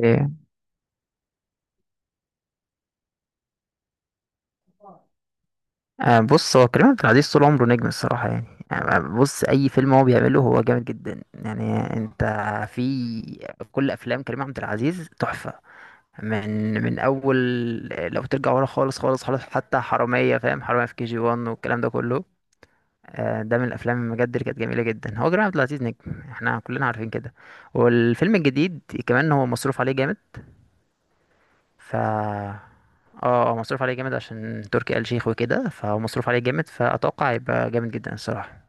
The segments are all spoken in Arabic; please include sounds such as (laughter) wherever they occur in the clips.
ايه. بص، هو كريم عبد العزيز طول عمره نجم الصراحة. يعني بص، أي فيلم هو بيعمله هو جامد جدا. يعني أنت في كل أفلام كريم عبد العزيز تحفة. من أول، لو ترجع ورا خالص خالص خالص، حتى حرامية، فاهم، حرامية في كي جي وان والكلام ده كله. ده من الأفلام بجد اللي كانت جميلة جدا. هو كريم عبد العزيز نجم، احنا كلنا عارفين كده. والفيلم الجديد كمان هو مصروف عليه جامد. ف اه اه مصروف عليه جامد عشان تركي آل شيخ وكده، فهو مصروف عليه جامد، فأتوقع هيبقى جامد جدا الصراحة.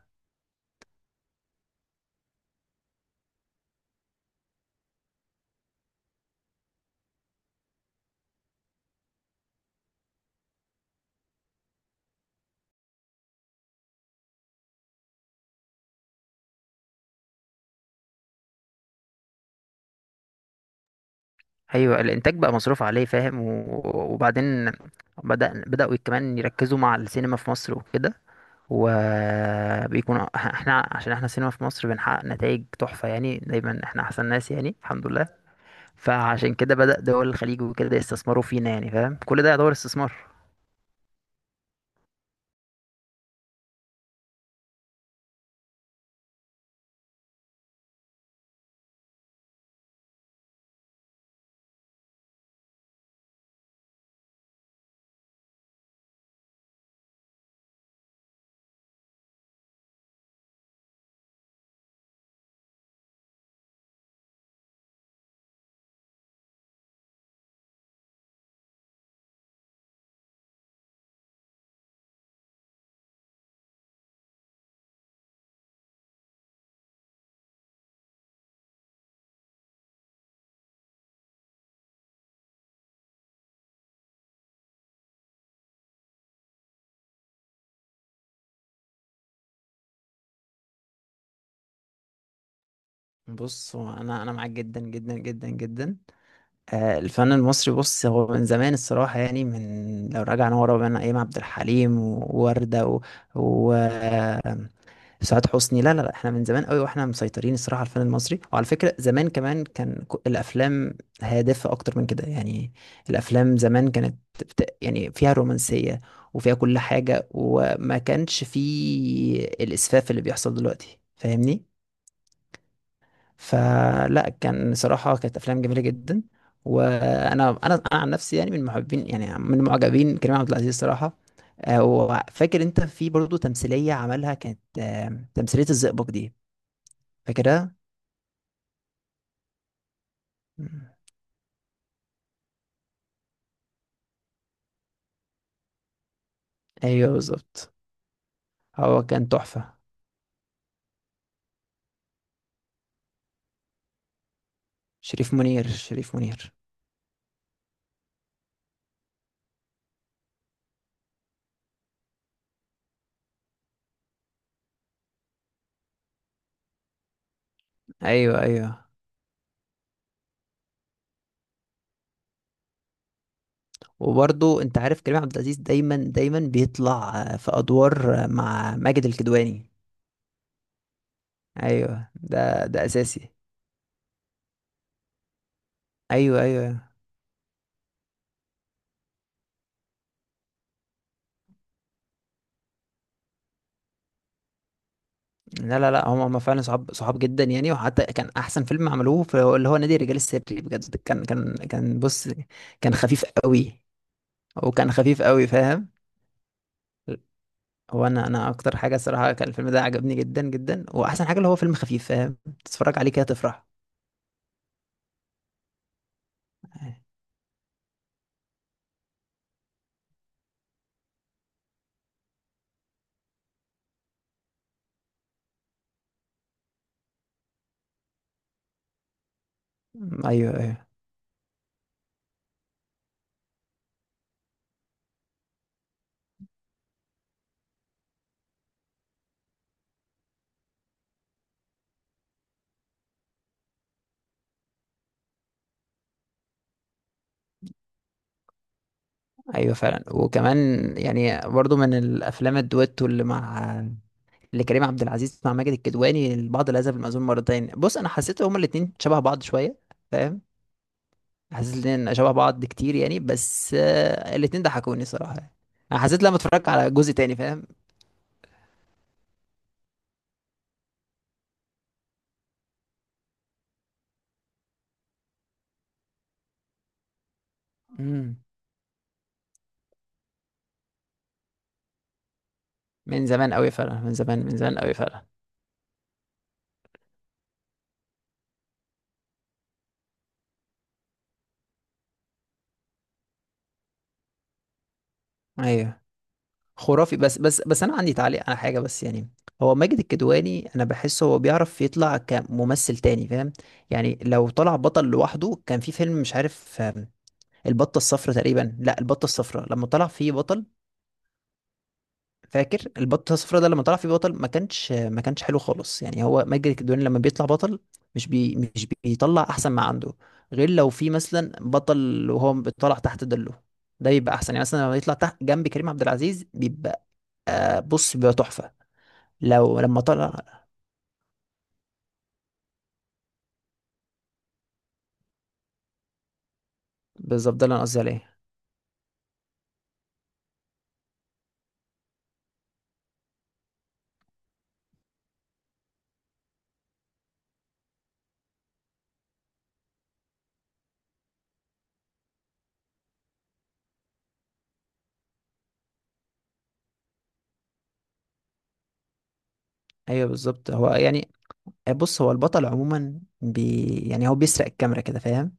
أيوة، الإنتاج بقى مصروف عليه فاهم وبعدين بدأوا كمان يركزوا مع السينما في مصر وكده. وبيكون احنا، عشان احنا السينما في مصر بنحقق نتائج تحفة. يعني دايما احنا أحسن ناس يعني الحمد لله. فعشان كده بدأ دول الخليج وكده يستثمروا فينا، يعني فاهم، كل ده يعتبر استثمار. بص، هو انا معاك جدا جدا جدا جدا. الفن المصري، بص هو من زمان الصراحة، يعني من، لو رجعنا ورا، بين أيام عبد الحليم ووردة و سعاد حسني. لا لا لا، احنا من زمان قوي واحنا مسيطرين الصراحة على الفن المصري. وعلى فكرة، زمان كمان كان الأفلام هادفة أكتر من كده يعني. الأفلام زمان كانت يعني فيها رومانسية، وفيها كل حاجة، وما كانش فيه الإسفاف اللي بيحصل دلوقتي، فاهمني؟ فلا، كان صراحة كانت أفلام جميلة جدا. وأنا أنا أنا عن نفسي يعني من محبين، يعني من معجبين كريم عبد العزيز صراحة. وفاكر أنت، في برضه تمثيلية عملها، كانت تمثيلية الزئبق دي، فاكرها؟ مم. أيوه بالظبط. هو كان تحفة. شريف منير، شريف منير. أيوه أيوه. وبرضه أنت عارف كريم عبد العزيز دايما دايما بيطلع في أدوار مع ماجد الكدواني. أيوه، ده أساسي. أيوه أيوه. لا لا لا، هم هم فعلا صحاب صحاب جدا يعني. وحتى كان احسن فيلم عملوه، في اللي هو نادي الرجال السري، بجد كان بص، كان خفيف قوي. وكان خفيف قوي فاهم. هو انا اكتر حاجه الصراحه كان الفيلم ده عجبني جدا جدا. واحسن حاجه اللي هو فيلم خفيف فاهم، تتفرج عليه كده تفرح. ايوه ايوه. ايوه فعلا. وكمان يعني برضو من الافلام الدويتو اللي مع، اللي كريم عبد العزيز مع ماجد الكدواني، البعض لا يذهب المأذون مرتين. بص، انا حسيت هما الاتنين شبه بعض شويه فاهم. حسيت الاتنين شبه بعض كتير يعني، بس الاتنين ضحكوني صراحة يعني. انا حسيت لما اتفرجت على جزء تاني فاهم. مم. من زمان قوي فعلا، من زمان، من زمان قوي فعلا. ايوه خرافي، بس بس بس انا عندي تعليق على حاجة بس يعني. هو ماجد الكدواني، انا بحسه هو بيعرف يطلع كممثل تاني فاهم. يعني لو طلع بطل لوحده، كان في فيلم مش عارف، البطة الصفراء تقريبا. لا، البطة الصفراء لما طلع فيه بطل، فاكر البطه الصفراء، ده لما طلع فيه بطل ما كانش حلو خالص يعني. هو ماجد الكدواني لما بيطلع بطل مش بيطلع احسن ما عنده، غير لو في مثلا بطل وهو بيطلع تحت ظله، ده بيبقى احسن يعني. مثلا لما يطلع تحت جنب كريم عبد العزيز، بيبقى، بص، بيبقى تحفه، لو لما طلع. بالظبط، ده اللي انا قصدي عليه. ايوه بالظبط. هو يعني، بص، هو البطل عموما بي يعني هو بيسرق الكاميرا كده فاهم،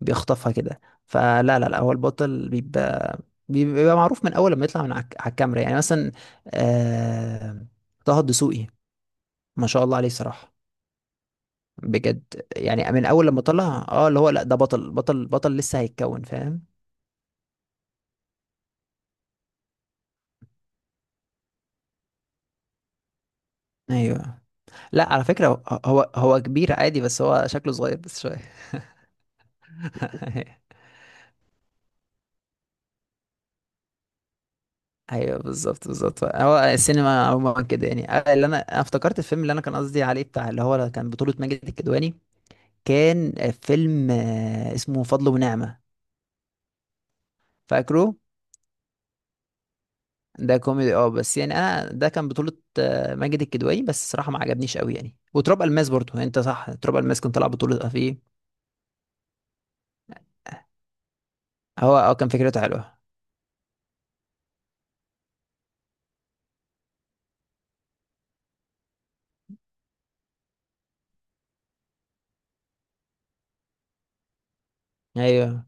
بيخطفها كده. فلا لا لا، هو البطل بيبقى، بيبقى معروف من اول لما يطلع من على على الكاميرا. يعني مثلا، آه... طه الدسوقي، ما شاء الله عليه صراحة، بجد، يعني من اول لما طلع، اه اللي هو، لا، ده بطل بطل بطل لسه هيتكون فاهم. ايوه. لا، على فكرة، هو هو كبير عادي، بس هو شكله صغير بس شوية. (laughs) ايوه بالظبط بالظبط. هو السينما عموما كده يعني. اللي أنا افتكرت الفيلم اللي انا كان قصدي عليه بتاع، اللي هو كان بطولة ماجد الكدواني، كان فيلم اسمه فضل ونعمة، فاكره؟ ده كوميدي اه، بس يعني انا ده كان بطولة ماجد الكدواني، بس الصراحة ما عجبنيش قوي يعني. وتراب الماس برضه، يعني انت صح، تراب الماس كان طلع بطولة فيه. هو اه كان فكرته حلوة. ايوه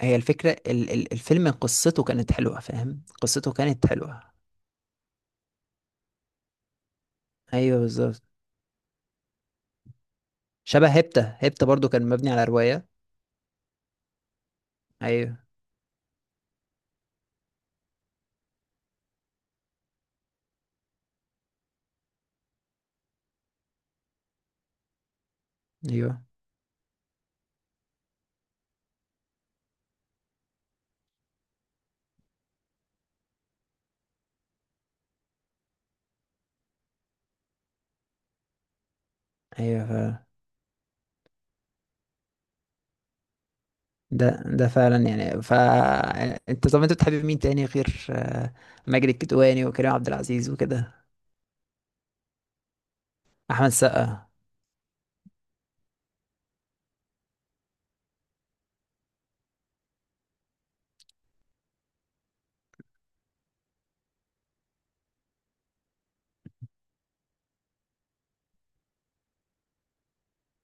هي الفكرة، ال ال الفيلم قصته كانت حلوة فاهم. قصته كانت حلوة. ايوه بالظبط. شبه هيبتا، هيبتا برضه كان مبني على رواية. ايوه. ايوه ايوه. ده فعلا يعني. ف انت، طب انت بتحب مين تاني غير ماجد الكدواني وكريم عبد العزيز وكده؟ احمد سقا.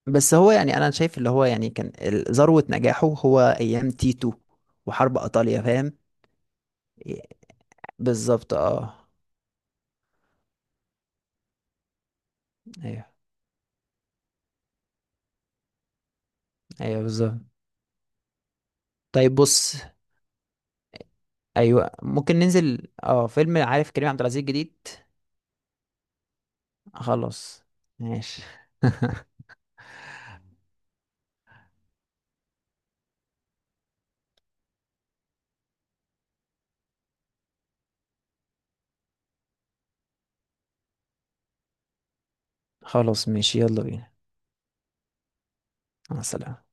بس هو يعني، انا شايف، اللي هو يعني كان ذروة نجاحه هو ايام تيتو وحرب ايطاليا فاهم. بالظبط اه. ايوه ايوه بالظبط. طيب بص. ايوه ممكن ننزل اه فيلم، عارف، كريم عبد العزيز جديد. خلاص ماشي. (laughs) خلاص ماشي، يلا بينا. مع السلامة.